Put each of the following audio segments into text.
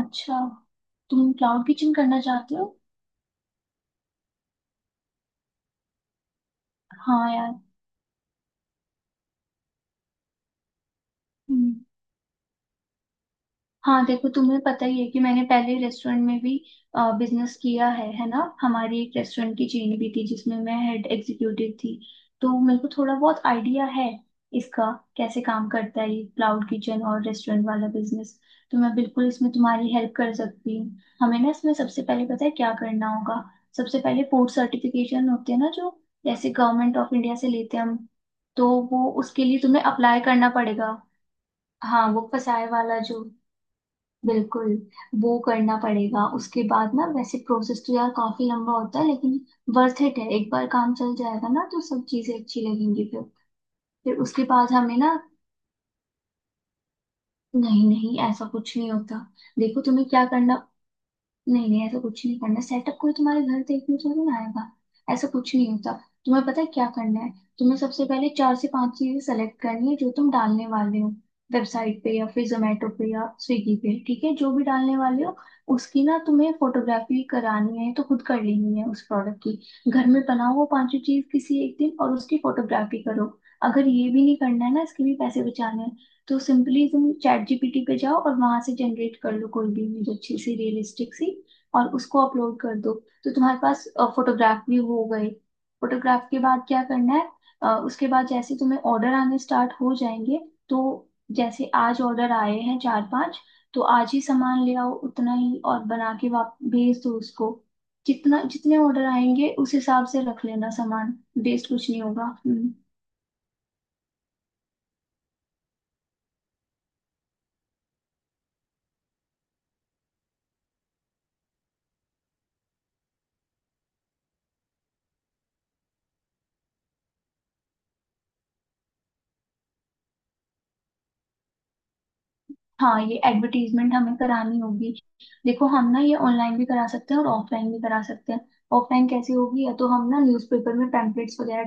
अच्छा, तुम cloud kitchen करना चाहते हो। हाँ यार। हम्म। हाँ देखो, तुम्हें पता ही है कि मैंने पहले रेस्टोरेंट में भी बिजनेस किया है ना। हमारी एक रेस्टोरेंट की चेन भी थी जिसमें मैं हेड एग्जीक्यूटिव थी। तो मेरे को थोड़ा बहुत आइडिया है इसका, कैसे काम करता है ये क्लाउड किचन और रेस्टोरेंट वाला बिजनेस। तो मैं बिल्कुल इसमें तुम्हारी हेल्प कर सकती हूँ। हमें ना इसमें सबसे पहले पता है क्या करना होगा। सबसे पहले फूड सर्टिफिकेशन होते हैं ना, जो जैसे गवर्नमेंट ऑफ इंडिया से लेते हैं हम, तो वो उसके लिए तुम्हें अप्लाई करना पड़ेगा। हाँ वो फसाए वाला जो। बिल्कुल। वो करना पड़ेगा। उसके बाद ना वैसे प्रोसेस तो यार काफी लंबा होता है, लेकिन वर्थ इट है। एक बार काम चल जाएगा ना तो सब चीजें अच्छी लगेंगी फिर। फिर उसके बाद हमें ना, नहीं नहीं ऐसा कुछ नहीं होता। देखो तुम्हें क्या करना, नहीं नहीं ऐसा कुछ नहीं करना। सेटअप कोई तुम्हारे घर देखने थोड़ी ना आएगा। ऐसा कुछ नहीं होता। तुम्हें पता है क्या करना है, तुम्हें सबसे पहले चार से पांच चीजें सेलेक्ट करनी है जो तुम डालने वाले हो वेबसाइट पे या फिर जोमेटो पे या स्विगी पे। ठीक है, जो भी डालने वाले हो उसकी ना तुम्हें फोटोग्राफी करानी है। तो खुद कर लेनी है उस प्रोडक्ट की, घर में बनाओ वो पांचों चीज किसी एक दिन और उसकी फोटोग्राफी करो। अगर ये भी नहीं करना है ना, इसके भी पैसे बचाने हैं, तो सिंपली तुम चैट जीपीटी पे जाओ और वहां से जनरेट कर लो कोई भी इमेज अच्छी सी रियलिस्टिक सी और उसको अपलोड कर दो। तो तुम्हारे पास फोटोग्राफ भी हो गए। फोटोग्राफ के बाद क्या करना है, उसके बाद जैसे तुम्हें ऑर्डर आने स्टार्ट हो जाएंगे। तो जैसे आज ऑर्डर आए हैं चार पांच, तो आज ही सामान ले आओ उतना ही और बना के वाप भेज दो उसको। जितना जितने ऑर्डर आएंगे उस हिसाब से रख लेना सामान। वेस्ट कुछ नहीं होगा। हम्म। हाँ ये एडवर्टीजमेंट हमें करानी होगी। देखो हम ना ये ऑनलाइन भी करा सकते हैं और ऑफलाइन भी करा सकते हैं। ऑफलाइन कैसे होगी, या तो हम ना न्यूज़पेपर में पैम्पलेट्स वगैरह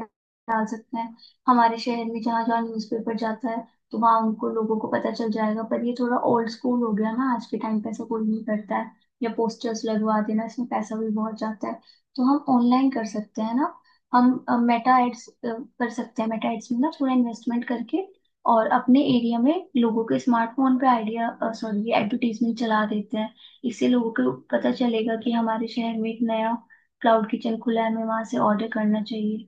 डाल सकते हैं। हमारे शहर में जहाँ जहाँ न्यूज़पेपर जाता है तो वहाँ उनको लोगों को पता चल जाएगा, पर ये थोड़ा ओल्ड स्कूल हो गया ना, आज के टाइम पे ऐसा कोई नहीं करता है। या पोस्टर्स लगवा देना, इसमें पैसा भी बहुत जाता है। तो हम ऑनलाइन कर सकते हैं ना। हम मेटा एड्स कर सकते हैं। मेटा एड्स में ना थोड़ा इन्वेस्टमेंट करके और अपने एरिया में लोगों के स्मार्टफोन पे आइडिया, सॉरी एडवर्टीजमेंट चला देते हैं। इससे लोगों को पता चलेगा कि हमारे शहर में एक नया क्लाउड किचन खुला है, हमें वहां से ऑर्डर करना चाहिए।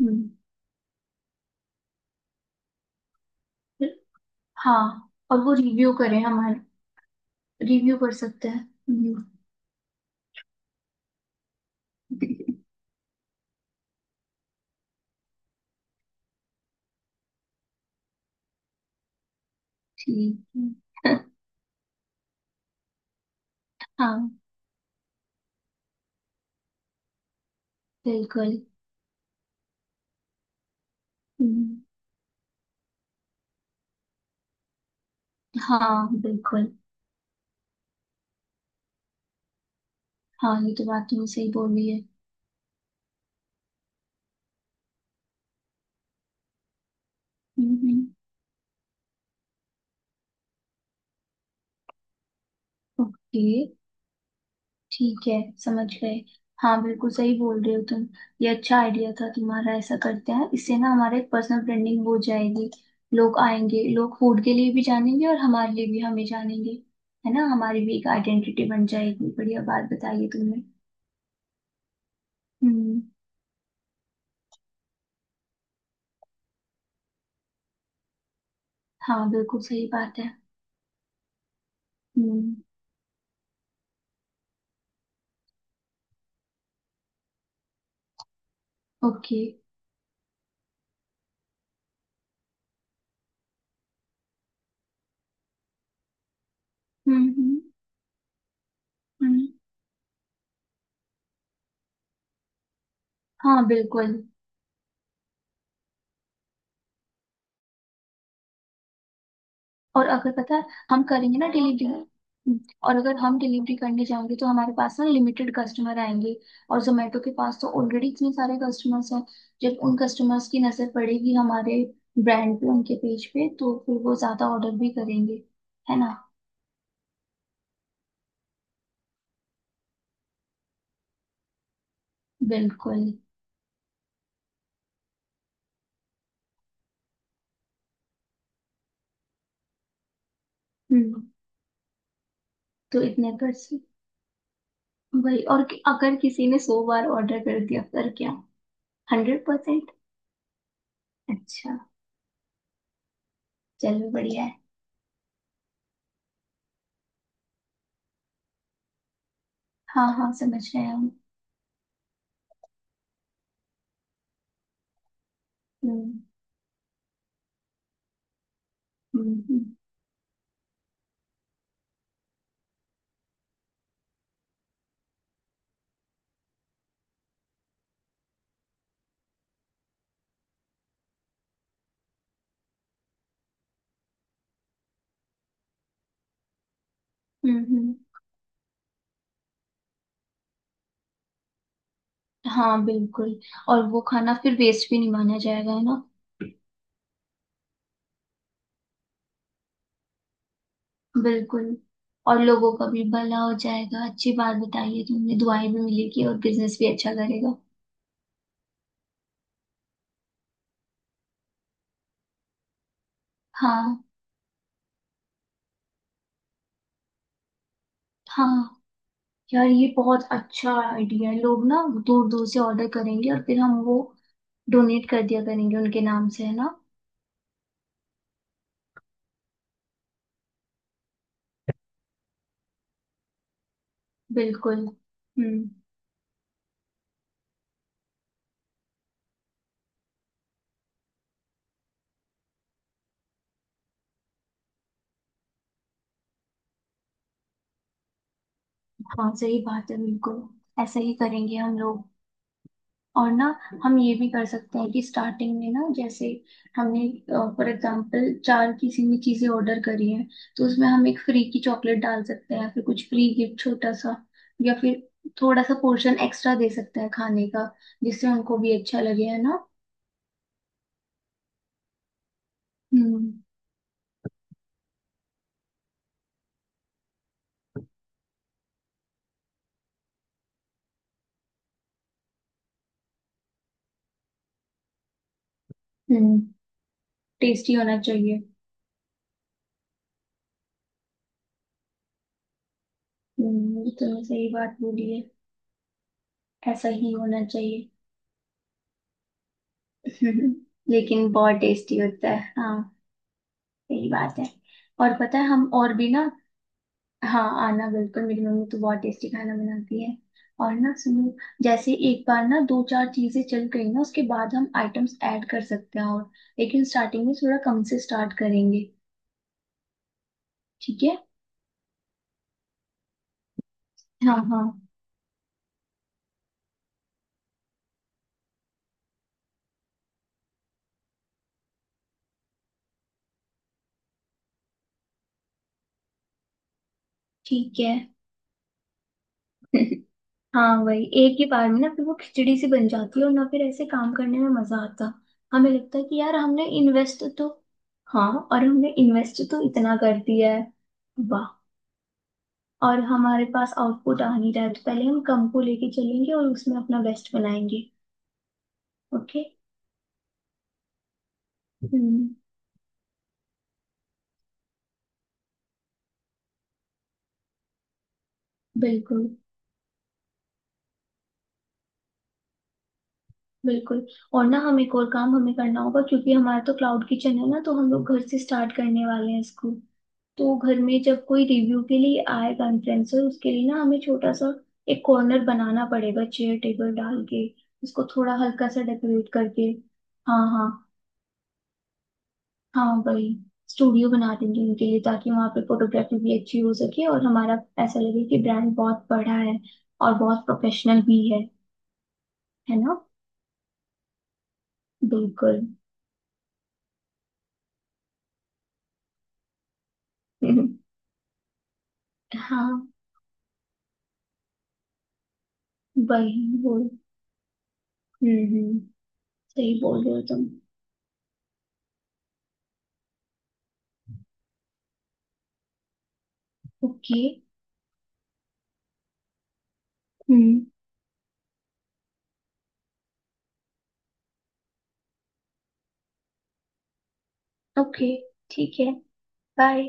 हम्म। फिर- हाँ और वो रिव्यू करें हमारे। रिव्यू कर सकते हैं। हम्म। ठीक है। हाँ बिल्कुल। हम्म। हाँ बिल्कुल। हाँ ये तो बात तुमने सही बोली है। हम्म। ओके। ठीक है, समझ गए। हाँ बिल्कुल सही बोल रहे हो तुम। ये अच्छा आइडिया था तुम्हारा, ऐसा करते हैं। इससे ना हमारे पर्सनल ब्रांडिंग हो जाएगी। लोग आएंगे, लोग फूड के लिए भी जानेंगे और हमारे लिए भी हमें जानेंगे। है ना, हमारी भी एक आइडेंटिटी बन जाएगी। बढ़िया बात बताइए तुमने। हम्म। हाँ बिल्कुल सही बात है। हम्म। ओके। हम्म। हम्म। हाँ बिल्कुल। और अगर पता है, हम करेंगे ना डिलीवरी, और अगर हम डिलीवरी करने जाएंगे तो हमारे पास ना लिमिटेड कस्टमर आएंगे। और जोमेटो के पास तो ऑलरेडी इतने सारे कस्टमर्स हैं, जब उन कस्टमर्स की नजर पड़ेगी हमारे ब्रांड पे उनके पेज पे तो फिर वो ज्यादा ऑर्डर भी करेंगे, है ना। बिल्कुल। हम्म। तो इतने पर से, वही और अगर किसी ने 100 बार ऑर्डर कर दिया फिर क्या। Hundred percent. अच्छा, चलो बढ़िया है। हाँ हाँ, समझ रहे हैं हम। हम्म हम्म। हम्म। हम्म। हाँ बिल्कुल। और वो खाना फिर वेस्ट भी नहीं माना जाएगा, है ना। बिल्कुल। और लोगों का भी भला हो जाएगा, अच्छी बात बताइए तुमने। दुआएं भी मिलेगी और बिजनेस भी अच्छा करेगा। हाँ। हाँ यार ये बहुत अच्छा आइडिया है। लोग ना दूर दूर से ऑर्डर करेंगे और फिर हम वो डोनेट कर दिया करेंगे उनके नाम से, है ना। बिल्कुल। हम्म। हाँ सही बात है, बिल्कुल। ऐसा ही करेंगे हम लोग। और ना, हम ये भी कर सकते हैं कि स्टार्टिंग में ना, जैसे हमने फॉर एग्जांपल चार किसी भी चीजें ऑर्डर करी हैं, तो उसमें हम एक फ्री की चॉकलेट डाल सकते हैं, फिर कुछ फ्री गिफ्ट छोटा सा, या फिर थोड़ा सा पोर्शन एक्स्ट्रा दे सकते हैं खाने का, जिससे उनको भी अच्छा लगे, है ना। हम्म। हम्म। टेस्टी होना चाहिए। ये तुमने सही बात बोली है। ऐसा ही होना चाहिए। लेकिन बहुत टेस्टी होता है हाँ। सही बात है। और पता है हम और भी ना, हाँ आना बिल्कुल, मेरी मम्मी तो बहुत टेस्टी खाना बनाती है। और ना सुनो, जैसे एक बार ना दो चार चीजें चल गई ना उसके बाद हम आइटम्स ऐड कर सकते हैं और, लेकिन स्टार्टिंग में थोड़ा कम से स्टार्ट करेंगे। ठीक है। हाँ हाँ। ठीक है। हाँ वही, एक ही बार में ना फिर वो खिचड़ी सी बन जाती है और ना फिर ऐसे काम करने में मजा आता। हमें लगता है कि यार हमने इन्वेस्ट तो, हाँ और हमने इन्वेस्ट तो इतना कर दिया है। वाह। और हमारे पास आउटपुट आ नहीं रहा है, तो पहले हम कम को लेके चलेंगे और उसमें अपना बेस्ट बनाएंगे। ओके। हम्म। बिल्कुल। बिल्कुल। और ना हम एक और काम हमें करना होगा क्योंकि हमारा तो क्लाउड किचन है ना, तो हम लोग घर से स्टार्ट करने वाले हैं इसको। तो घर में जब कोई रिव्यू के लिए आएगा इन्फ्लुएंसर, उसके लिए ना हमें छोटा सा एक कॉर्नर बनाना पड़ेगा चेयर टेबल डाल के, उसको थोड़ा हल्का सा डेकोरेट करके। हाँ हाँ। हाँ वही, स्टूडियो बना देंगे उनके लिए, ताकि वहां पे फोटोग्राफी भी अच्छी हो सके और हमारा ऐसा लगे कि ब्रांड बहुत बड़ा है और बहुत प्रोफेशनल भी है। है ना। बिल्कुल। हाँ वही वो। हम्म, हम्म। सही बोल रहे हो तुम। ओके। हम्म। ओके ठीक है। बाय।